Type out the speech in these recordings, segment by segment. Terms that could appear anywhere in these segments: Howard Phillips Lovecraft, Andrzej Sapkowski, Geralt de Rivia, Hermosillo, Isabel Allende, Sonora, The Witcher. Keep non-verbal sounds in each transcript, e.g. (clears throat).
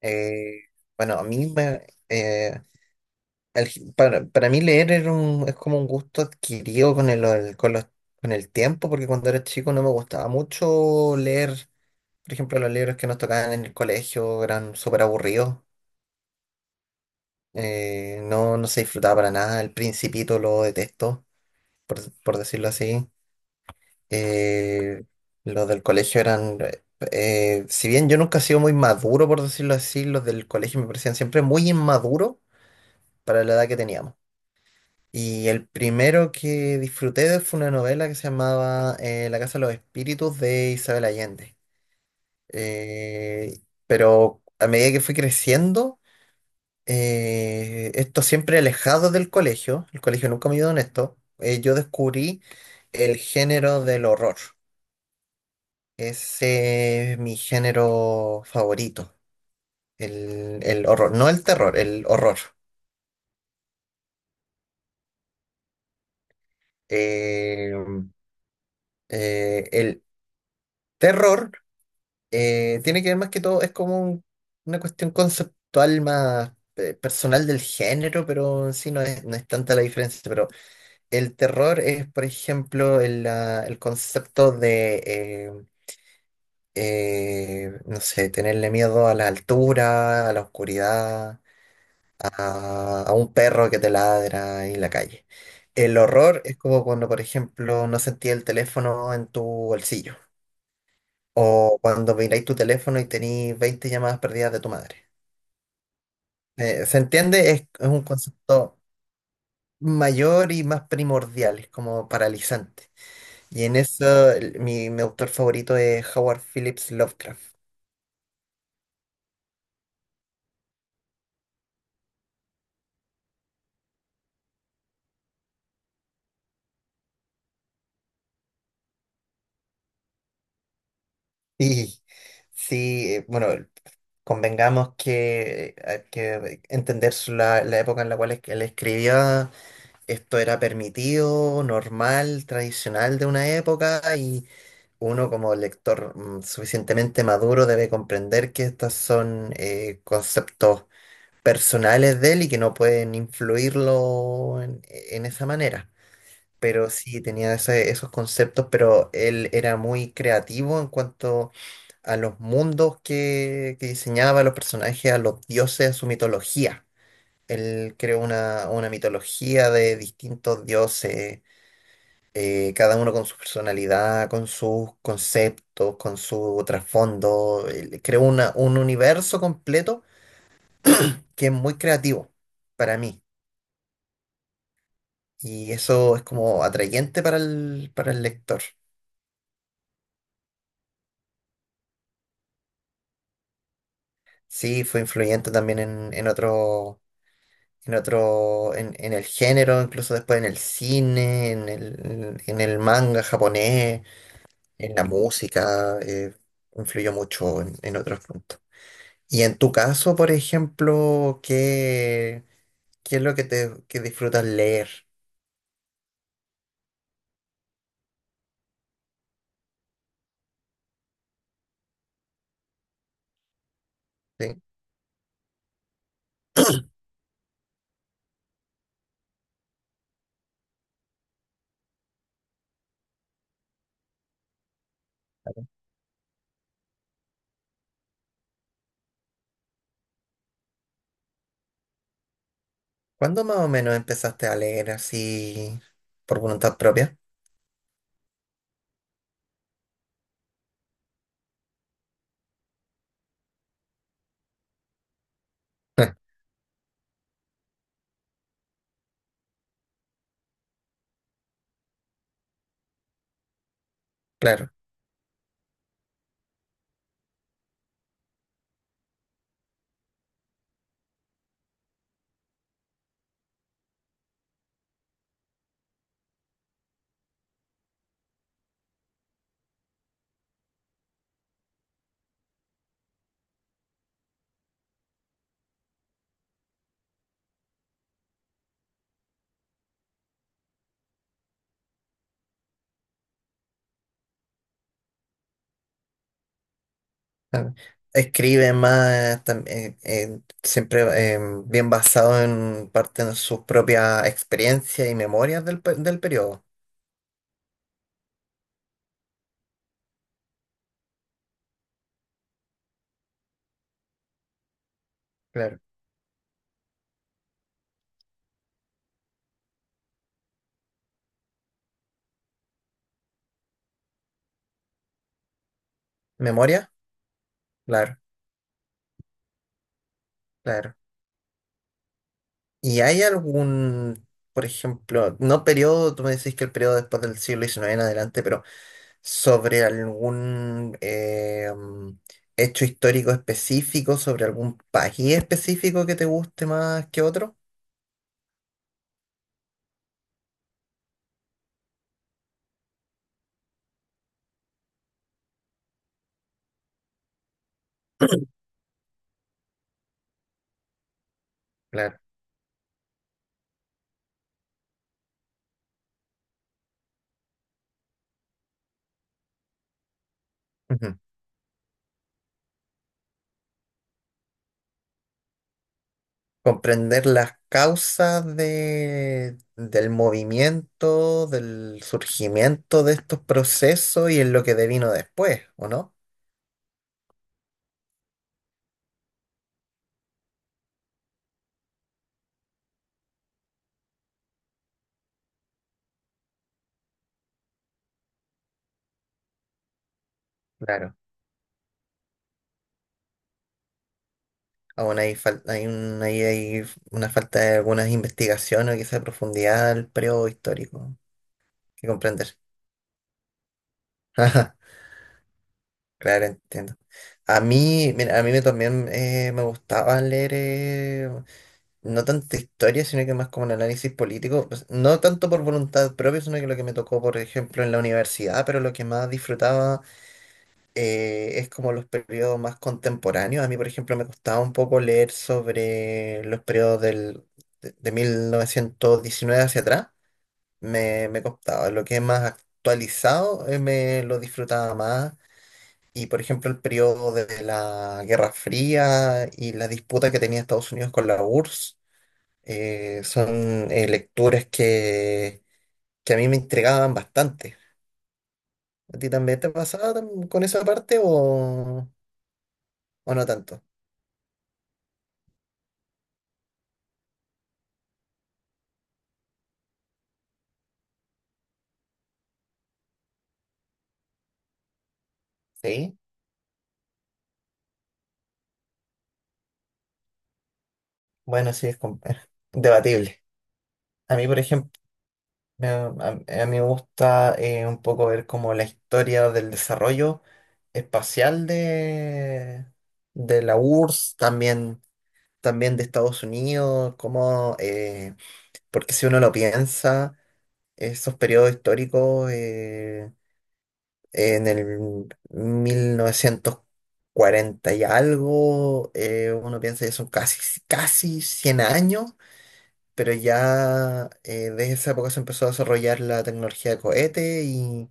Eh, bueno, a mí me, para mí leer es como un gusto adquirido con el tiempo, porque cuando era chico no me gustaba mucho leer. Por ejemplo, los libros que nos tocaban en el colegio eran súper aburridos. No, no se disfrutaba para nada. El Principito lo detesto, por decirlo así. eh, los del colegio eran. Si bien yo nunca he sido muy maduro, por decirlo así, los del colegio me parecían siempre muy inmaduros para la edad que teníamos. Y el primero que disfruté de fue una novela que se llamaba, La Casa de los Espíritus de Isabel Allende. Eh, pero a medida que fui creciendo, esto siempre alejado del colegio, el colegio nunca me ayudó en esto. Yo descubrí el género del horror. Ese es mi género favorito, el horror, no el terror, el horror. Eh, el terror. Tiene que ver más que todo, es como una cuestión conceptual más, personal del género, pero en sí no es tanta la diferencia. Pero el terror es, por ejemplo, el concepto de, no sé, tenerle miedo a la altura, a la oscuridad, a un perro que te ladra ahí en la calle. El horror es como cuando, por ejemplo, no sentí el teléfono en tu bolsillo. O cuando miráis tu teléfono y tenéis 20 llamadas perdidas de tu madre. ¿Se entiende? Es un concepto mayor y más primordial, es como paralizante. Y en eso mi autor favorito es Howard Phillips Lovecraft. Y sí, bueno, convengamos que hay que entender la época en la cual él escribía. Esto era permitido, normal, tradicional de una época. Uno como lector, suficientemente maduro, debe comprender que estos son, conceptos personales de él y que no pueden influirlo en esa manera. Pero sí, tenía esos conceptos, pero él era muy creativo en cuanto a los mundos que diseñaba, a los personajes, a los dioses, a su mitología. Él creó una mitología de distintos dioses, cada uno con su personalidad, con sus conceptos, con su trasfondo. Creo un universo completo, que es muy creativo para mí. Y eso es como atrayente para el, lector. Sí, fue influyente también en el género, incluso después en el cine, en el manga japonés, en la música. Influyó mucho en otros puntos. Y en tu caso, por ejemplo, ¿qué es lo que te que disfrutas leer? ¿Sí? ¿Cuándo más o menos empezaste a leer así por voluntad propia? Claro. Ah, escribe más, siempre, eh, bien basado en parte de sus propias experiencias y memorias del periodo. Claro. ¿Memoria? Claro, claro. ¿Y hay algún, por ejemplo, no periodo, tú me decís que el periodo después del siglo XIX en adelante, pero sobre algún, hecho histórico específico, sobre algún país específico que te guste más que otro? (clears throat) Claro. Ujú. Comprender las causas, del movimiento, del surgimiento de estos procesos y en lo que devino después, ¿o no? Claro. Aún hay, fal- hay, un- ahí hay una falta de algunas investigaciones o quizá profundidad al periodo histórico que comprender. (laughs) Ajá. Claro, entiendo. A mí, mira, a mí me también, me gustaba leer, no tanto historia, sino que más como un análisis político. Pues, no tanto por voluntad propia, sino que lo que me tocó, por ejemplo, en la universidad, pero lo que más disfrutaba, es como los periodos más contemporáneos. A mí, por ejemplo, me costaba un poco leer sobre los periodos de 1919 hacia atrás. Me costaba. Lo que es más actualizado, me lo disfrutaba más. Y, por ejemplo, el periodo de la Guerra Fría y la disputa que tenía Estados Unidos con la URSS, son, lecturas que a mí me intrigaban bastante. ¿A ti también te pasaba, con esa parte, o no tanto? Sí. Bueno, sí, es (laughs) debatible. A mí, por ejemplo, a mí me gusta, un poco ver como la historia del desarrollo espacial de la URSS, también, también de Estados Unidos, como, porque si uno lo piensa, esos periodos históricos, en el mil novecientos cuarenta y algo, uno piensa que son casi, casi 100 años. Pero ya, desde esa época se empezó a desarrollar la tecnología de cohete, y,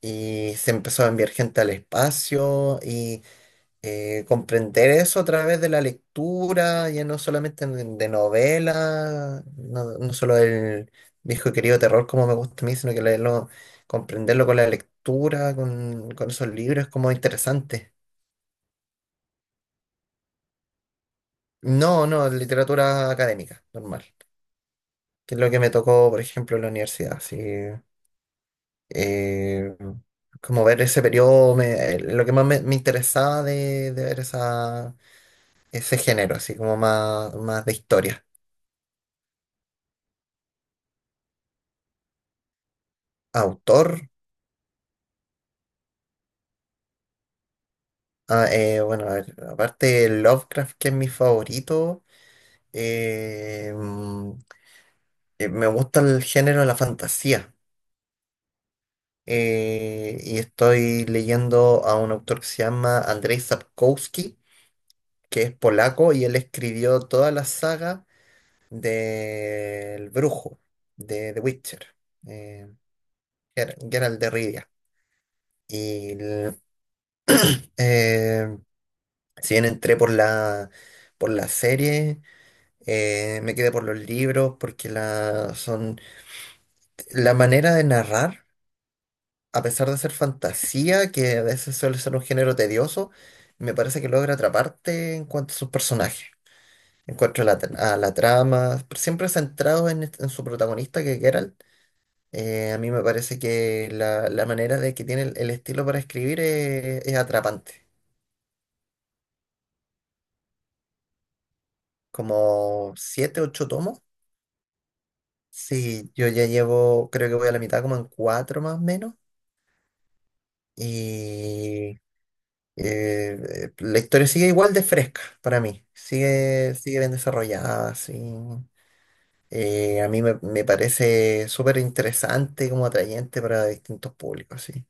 y se empezó a enviar gente al espacio, y comprender eso a través de la lectura, ya no solamente de novelas, no, no solo el viejo y querido terror como me gusta a mí, sino que leerlo, comprenderlo con la lectura, con esos libros, es como interesante. No, no, literatura académica, normal, que es lo que me tocó, por ejemplo, en la universidad, sí. eh, Como ver ese periodo, lo que más me interesaba de ver ese género, así como más, más de historia. Autor. Ah, bueno, a ver, aparte de Lovecraft, que es mi favorito, eh, mm, me gusta el género de la fantasía. Y estoy leyendo a un autor que se llama Andrzej Sapkowski, que es polaco y él escribió toda la saga del brujo de The Witcher, eh, Geralt de Rivia. Y l- eh, si bien entré por la serie, me quedé por los libros, porque son la manera de narrar, a pesar de ser fantasía, que a veces suele ser un género tedioso, me parece que logra atraparte en cuanto a sus personajes. En cuanto a la trama, siempre centrado en su protagonista, que es Geralt. A mí me parece que la manera de que tiene el estilo para escribir es atrapante. Como siete, ocho tomos. Sí, yo ya llevo, creo que voy a la mitad, como en cuatro más o menos. Y, la historia sigue igual de fresca para mí. Sigue bien desarrollada, sí. A mí me parece súper interesante, como atrayente para distintos públicos, sí.